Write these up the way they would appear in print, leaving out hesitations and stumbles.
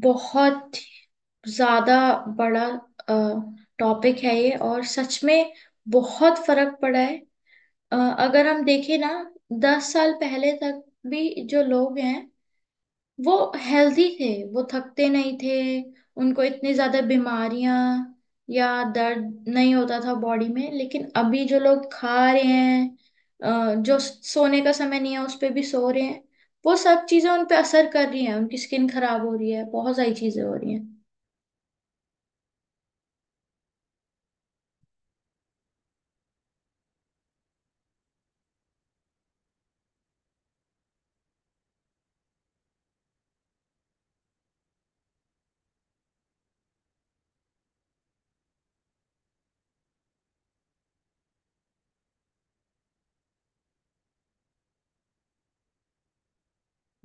बहुत ज्यादा बड़ा टॉपिक है ये और सच में बहुत फर्क पड़ा है। अगर हम देखें ना, 10 साल पहले तक भी जो लोग हैं, वो हेल्दी थे, वो थकते नहीं थे, उनको इतनी ज्यादा बीमारियां या दर्द नहीं होता था बॉडी में। लेकिन अभी जो लोग खा रहे हैं, जो सोने का समय नहीं है उस पे भी सो रहे हैं, वो सब चीजें उन पे असर कर रही हैं, उनकी स्किन खराब हो रही है, बहुत सारी चीजें हो रही हैं।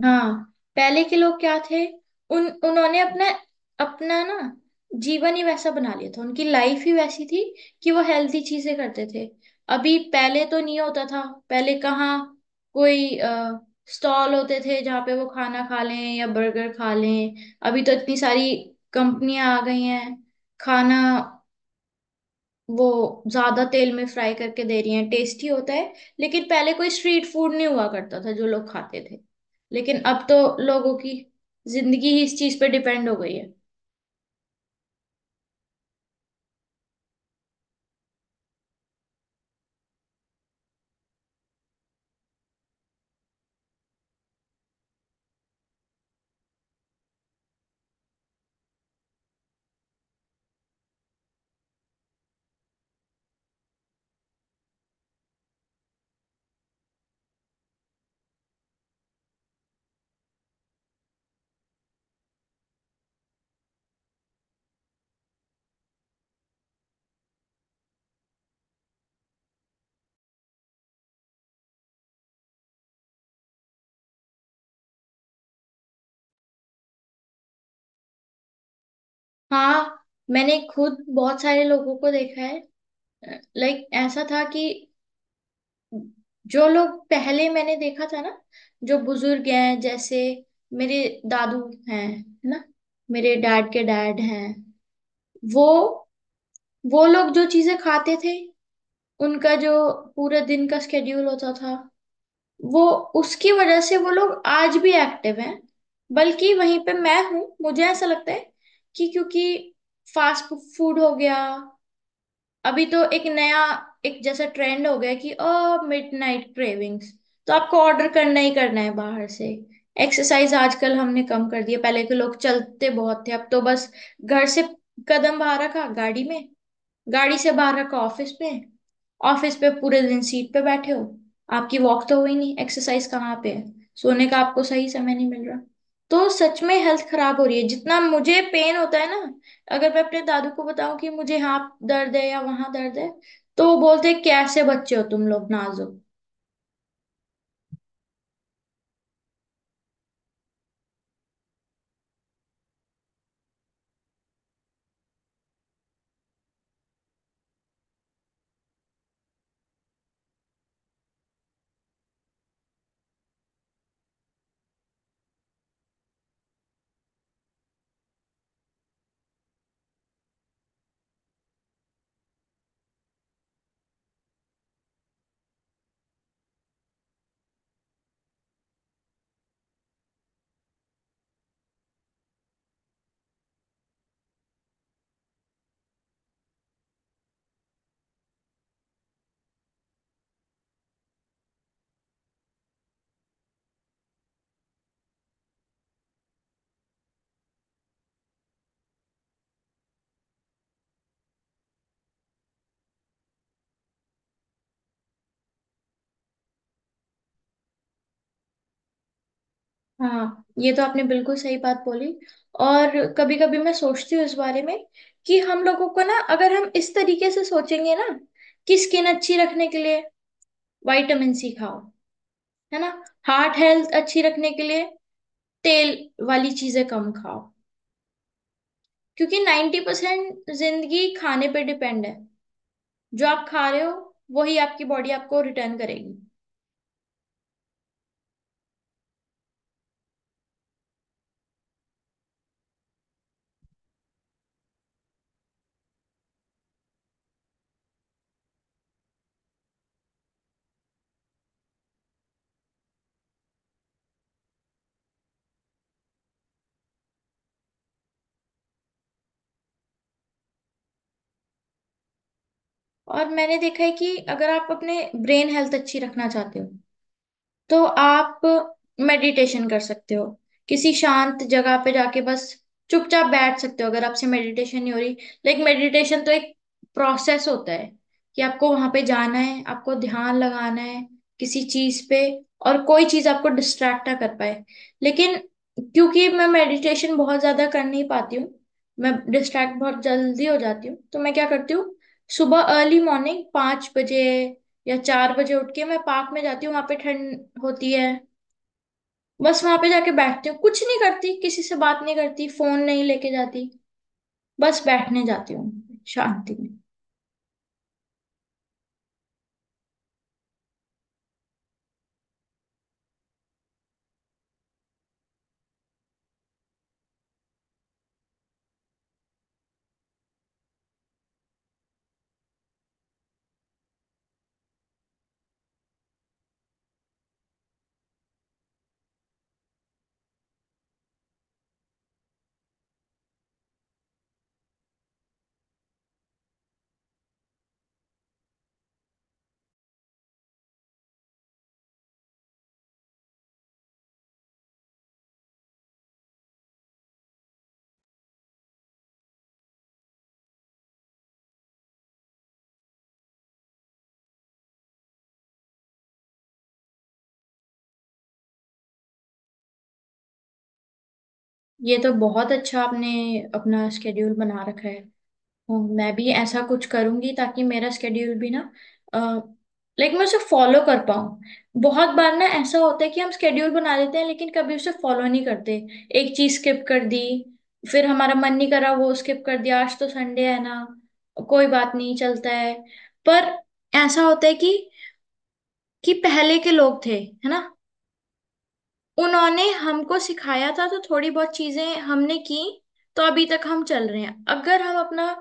हाँ, पहले के लोग क्या थे, उन उन्होंने अपना, अपना ना, जीवन ही वैसा बना लिया था, उनकी लाइफ ही वैसी थी कि वो हेल्थी चीजें करते थे। अभी पहले तो नहीं होता था, पहले कहाँ कोई स्टॉल होते थे जहाँ पे वो खाना खा लें या बर्गर खा लें। अभी तो इतनी सारी कंपनियां आ गई हैं, खाना वो ज्यादा तेल में फ्राई करके दे रही हैं, टेस्टी होता है। लेकिन पहले कोई स्ट्रीट फूड नहीं हुआ करता था जो लोग खाते थे, लेकिन अब तो लोगों की जिंदगी ही इस चीज पे डिपेंड हो गई है। हाँ, मैंने खुद बहुत सारे लोगों को देखा है। लाइक ऐसा था कि जो लोग पहले मैंने देखा था ना, जो बुजुर्ग हैं, जैसे मेरे दादू हैं, है ना, मेरे डैड के डैड हैं, वो वो लोग जो चीजें खाते थे, उनका जो पूरे दिन का स्केड्यूल होता था, वो, उसकी वजह से वो लोग आज भी एक्टिव हैं। बल्कि वहीं पे मैं हूँ, मुझे ऐसा लगता है कि क्योंकि फास्ट फूड हो गया, अभी तो एक नया, एक जैसा ट्रेंड हो गया कि मिडनाइट क्रेविंग्स, तो आपको ऑर्डर करना ही करना है बाहर से। एक्सरसाइज आजकल हमने कम कर दी है, पहले के लोग चलते बहुत थे, अब तो बस घर से कदम बाहर रखा, गाड़ी में, गाड़ी से बाहर रखा, ऑफिस पे, ऑफिस पे पूरे दिन सीट पे बैठे हो, आपकी वॉक तो हुई नहीं, एक्सरसाइज कहाँ पे है? सोने का आपको सही समय नहीं मिल रहा, तो सच में हेल्थ खराब हो रही है। जितना मुझे पेन होता है ना, अगर मैं अपने दादू को बताऊं कि मुझे यहाँ दर्द है या वहां दर्द है, तो वो बोलते हैं, कैसे बच्चे हो तुम लोग नाजुक। हाँ, ये तो आपने बिल्कुल सही बात बोली। और कभी कभी मैं सोचती हूँ इस बारे में कि हम लोगों को ना, अगर हम इस तरीके से सोचेंगे ना, कि स्किन अच्छी रखने के लिए विटामिन सी खाओ, है ना, हार्ट हेल्थ अच्छी रखने के लिए तेल वाली चीजें कम खाओ, क्योंकि 90% जिंदगी खाने पे डिपेंड है। जो आप खा रहे हो, वही आपकी बॉडी आपको रिटर्न करेगी। और मैंने देखा है कि अगर आप अपने ब्रेन हेल्थ अच्छी रखना चाहते हो, तो आप मेडिटेशन कर सकते हो, किसी शांत जगह पे जाके बस चुपचाप बैठ सकते हो अगर आपसे मेडिटेशन नहीं हो रही। लाइक मेडिटेशन तो एक प्रोसेस होता है कि आपको वहां पे जाना है, आपको ध्यान लगाना है किसी चीज पे, और कोई चीज आपको डिस्ट्रैक्ट ना कर पाए। लेकिन क्योंकि मैं मेडिटेशन बहुत ज्यादा कर नहीं पाती हूँ, मैं डिस्ट्रैक्ट बहुत जल्दी हो जाती हूँ, तो मैं क्या करती हूँ, सुबह अर्ली मॉर्निंग 5 बजे या 4 बजे उठ के मैं पार्क में जाती हूँ, वहां पे ठंड होती है, बस वहां पे जाके बैठती हूँ, कुछ नहीं करती, किसी से बात नहीं करती, फोन नहीं लेके जाती, बस बैठने जाती हूँ शांति में। ये तो बहुत अच्छा आपने अपना स्केड्यूल बना रखा है। हूँ। मैं भी ऐसा कुछ करूंगी ताकि मेरा स्केड्यूल भी ना, लाइक मैं उसे फॉलो कर पाऊँ। बहुत बार ना ऐसा होता है कि हम स्केड्यूल बना लेते हैं लेकिन कभी उसे फॉलो नहीं करते, एक चीज स्किप कर दी, फिर हमारा मन नहीं करा वो स्किप कर दिया, आज तो संडे है ना, कोई बात नहीं चलता है। पर ऐसा होता है कि पहले के लोग थे है ना, उन्होंने हमको सिखाया था तो थोड़ी बहुत चीजें हमने की, तो अभी तक हम चल रहे हैं। अगर हम अपना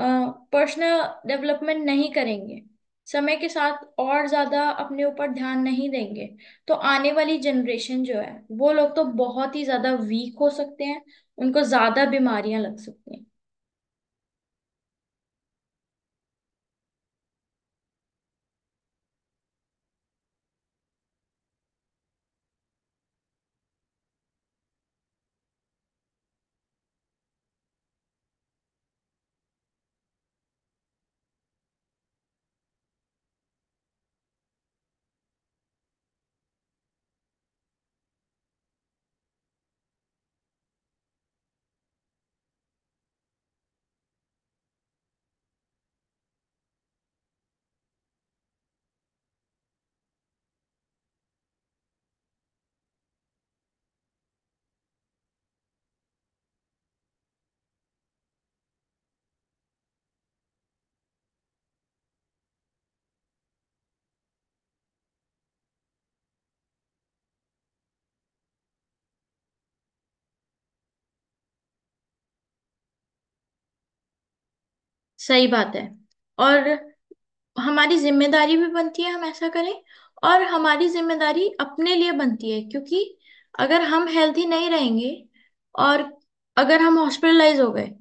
पर्सनल डेवलपमेंट नहीं करेंगे, समय के साथ और ज्यादा अपने ऊपर ध्यान नहीं देंगे, तो आने वाली जनरेशन जो है, वो लोग तो बहुत ही ज्यादा वीक हो सकते हैं, उनको ज्यादा बीमारियां लग सकती हैं। सही बात है। और हमारी जिम्मेदारी भी बनती है हम ऐसा करें, और हमारी जिम्मेदारी अपने लिए बनती है क्योंकि अगर हम हेल्दी नहीं रहेंगे, और अगर हम हॉस्पिटलाइज हो गए,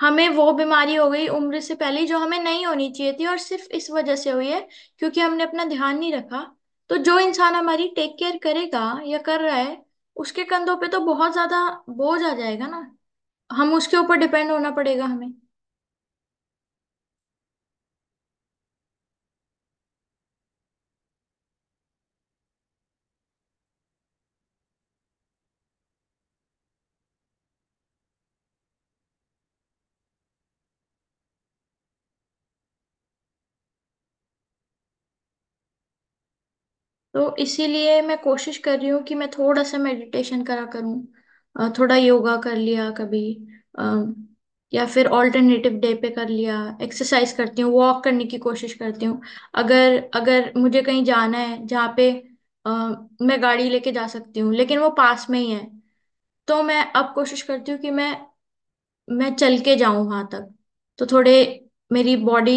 हमें वो बीमारी हो गई उम्र से पहले ही जो हमें नहीं होनी चाहिए थी और सिर्फ इस वजह से हुई है क्योंकि हमने अपना ध्यान नहीं रखा, तो जो इंसान हमारी टेक केयर करेगा या कर रहा है, उसके कंधों पे तो बहुत ज्यादा बोझ आ जाएगा ना, हम उसके ऊपर डिपेंड होना पड़ेगा हमें। तो इसीलिए मैं कोशिश कर रही हूँ कि मैं थोड़ा सा मेडिटेशन करा करूँ, थोड़ा योगा कर लिया कभी, अ, या फिर ऑल्टरनेटिव डे पे कर लिया, एक्सरसाइज करती हूँ, वॉक करने की कोशिश करती हूँ। अगर अगर मुझे कहीं जाना है जहाँ पे अ, मैं गाड़ी लेके जा सकती हूँ लेकिन वो पास में ही है, तो मैं अब कोशिश करती हूँ कि मैं चल के जाऊँ वहां तक, तो थोड़े मेरी बॉडी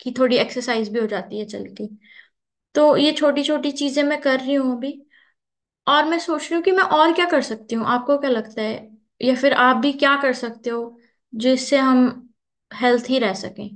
की थोड़ी एक्सरसाइज भी हो जाती है चल के। तो ये छोटी छोटी चीजें मैं कर रही हूँ अभी, और मैं सोच रही हूँ कि मैं और क्या कर सकती हूँ, आपको क्या लगता है, या फिर आप भी क्या कर सकते हो जिससे हम हेल्थी रह सकें।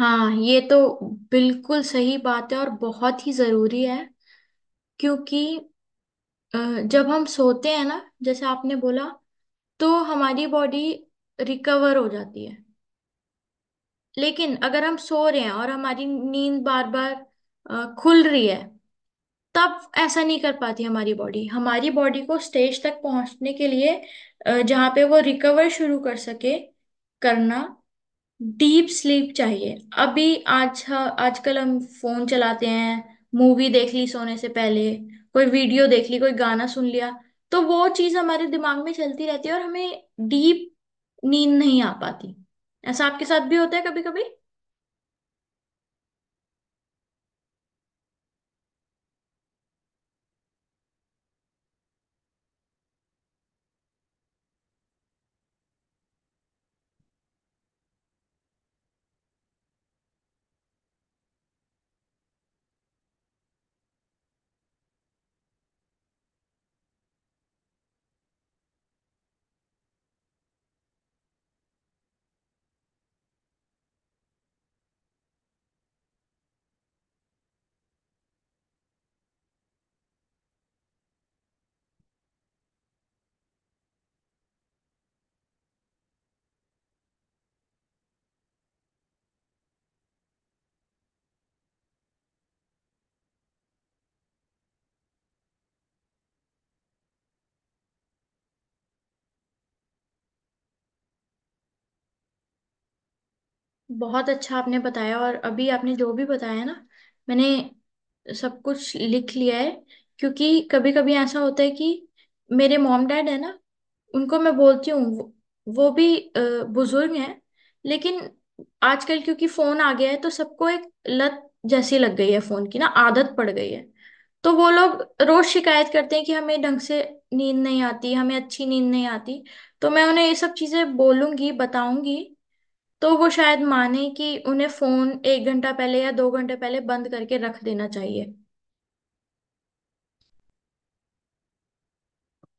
हाँ, ये तो बिल्कुल सही बात है और बहुत ही जरूरी है। क्योंकि अ, जब हम सोते हैं ना, जैसे आपने बोला, तो हमारी बॉडी रिकवर हो जाती है। लेकिन अगर हम सो रहे हैं और हमारी नींद बार बार खुल रही है, तब ऐसा नहीं कर पाती हमारी बॉडी। हमारी बॉडी को स्टेज तक पहुंचने के लिए, जहां पे वो रिकवर शुरू कर सके करना, डीप स्लीप चाहिए। अभी आज आजकल हम फोन चलाते हैं, मूवी देख ली सोने से पहले, कोई वीडियो देख ली, कोई गाना सुन लिया, तो वो चीज हमारे दिमाग में चलती रहती है और हमें डीप नींद नहीं आ पाती। ऐसा आपके साथ भी होता है कभी कभी? बहुत अच्छा आपने बताया। और अभी आपने जो भी बताया ना, मैंने सब कुछ लिख लिया है। क्योंकि कभी कभी ऐसा होता है कि मेरे मॉम डैड है ना, उनको मैं बोलती हूँ, वो भी बुजुर्ग हैं, लेकिन आजकल क्योंकि फोन आ गया है तो सबको एक लत जैसी लग गई है फोन की, ना आदत पड़ गई है, तो वो लोग रोज शिकायत करते हैं कि हमें ढंग से नींद नहीं आती, हमें अच्छी नींद नहीं आती। तो मैं उन्हें ये सब चीजें बोलूंगी, बताऊंगी, तो वो शायद माने कि उन्हें फोन 1 घंटा पहले या 2 घंटे पहले बंद करके रख देना चाहिए।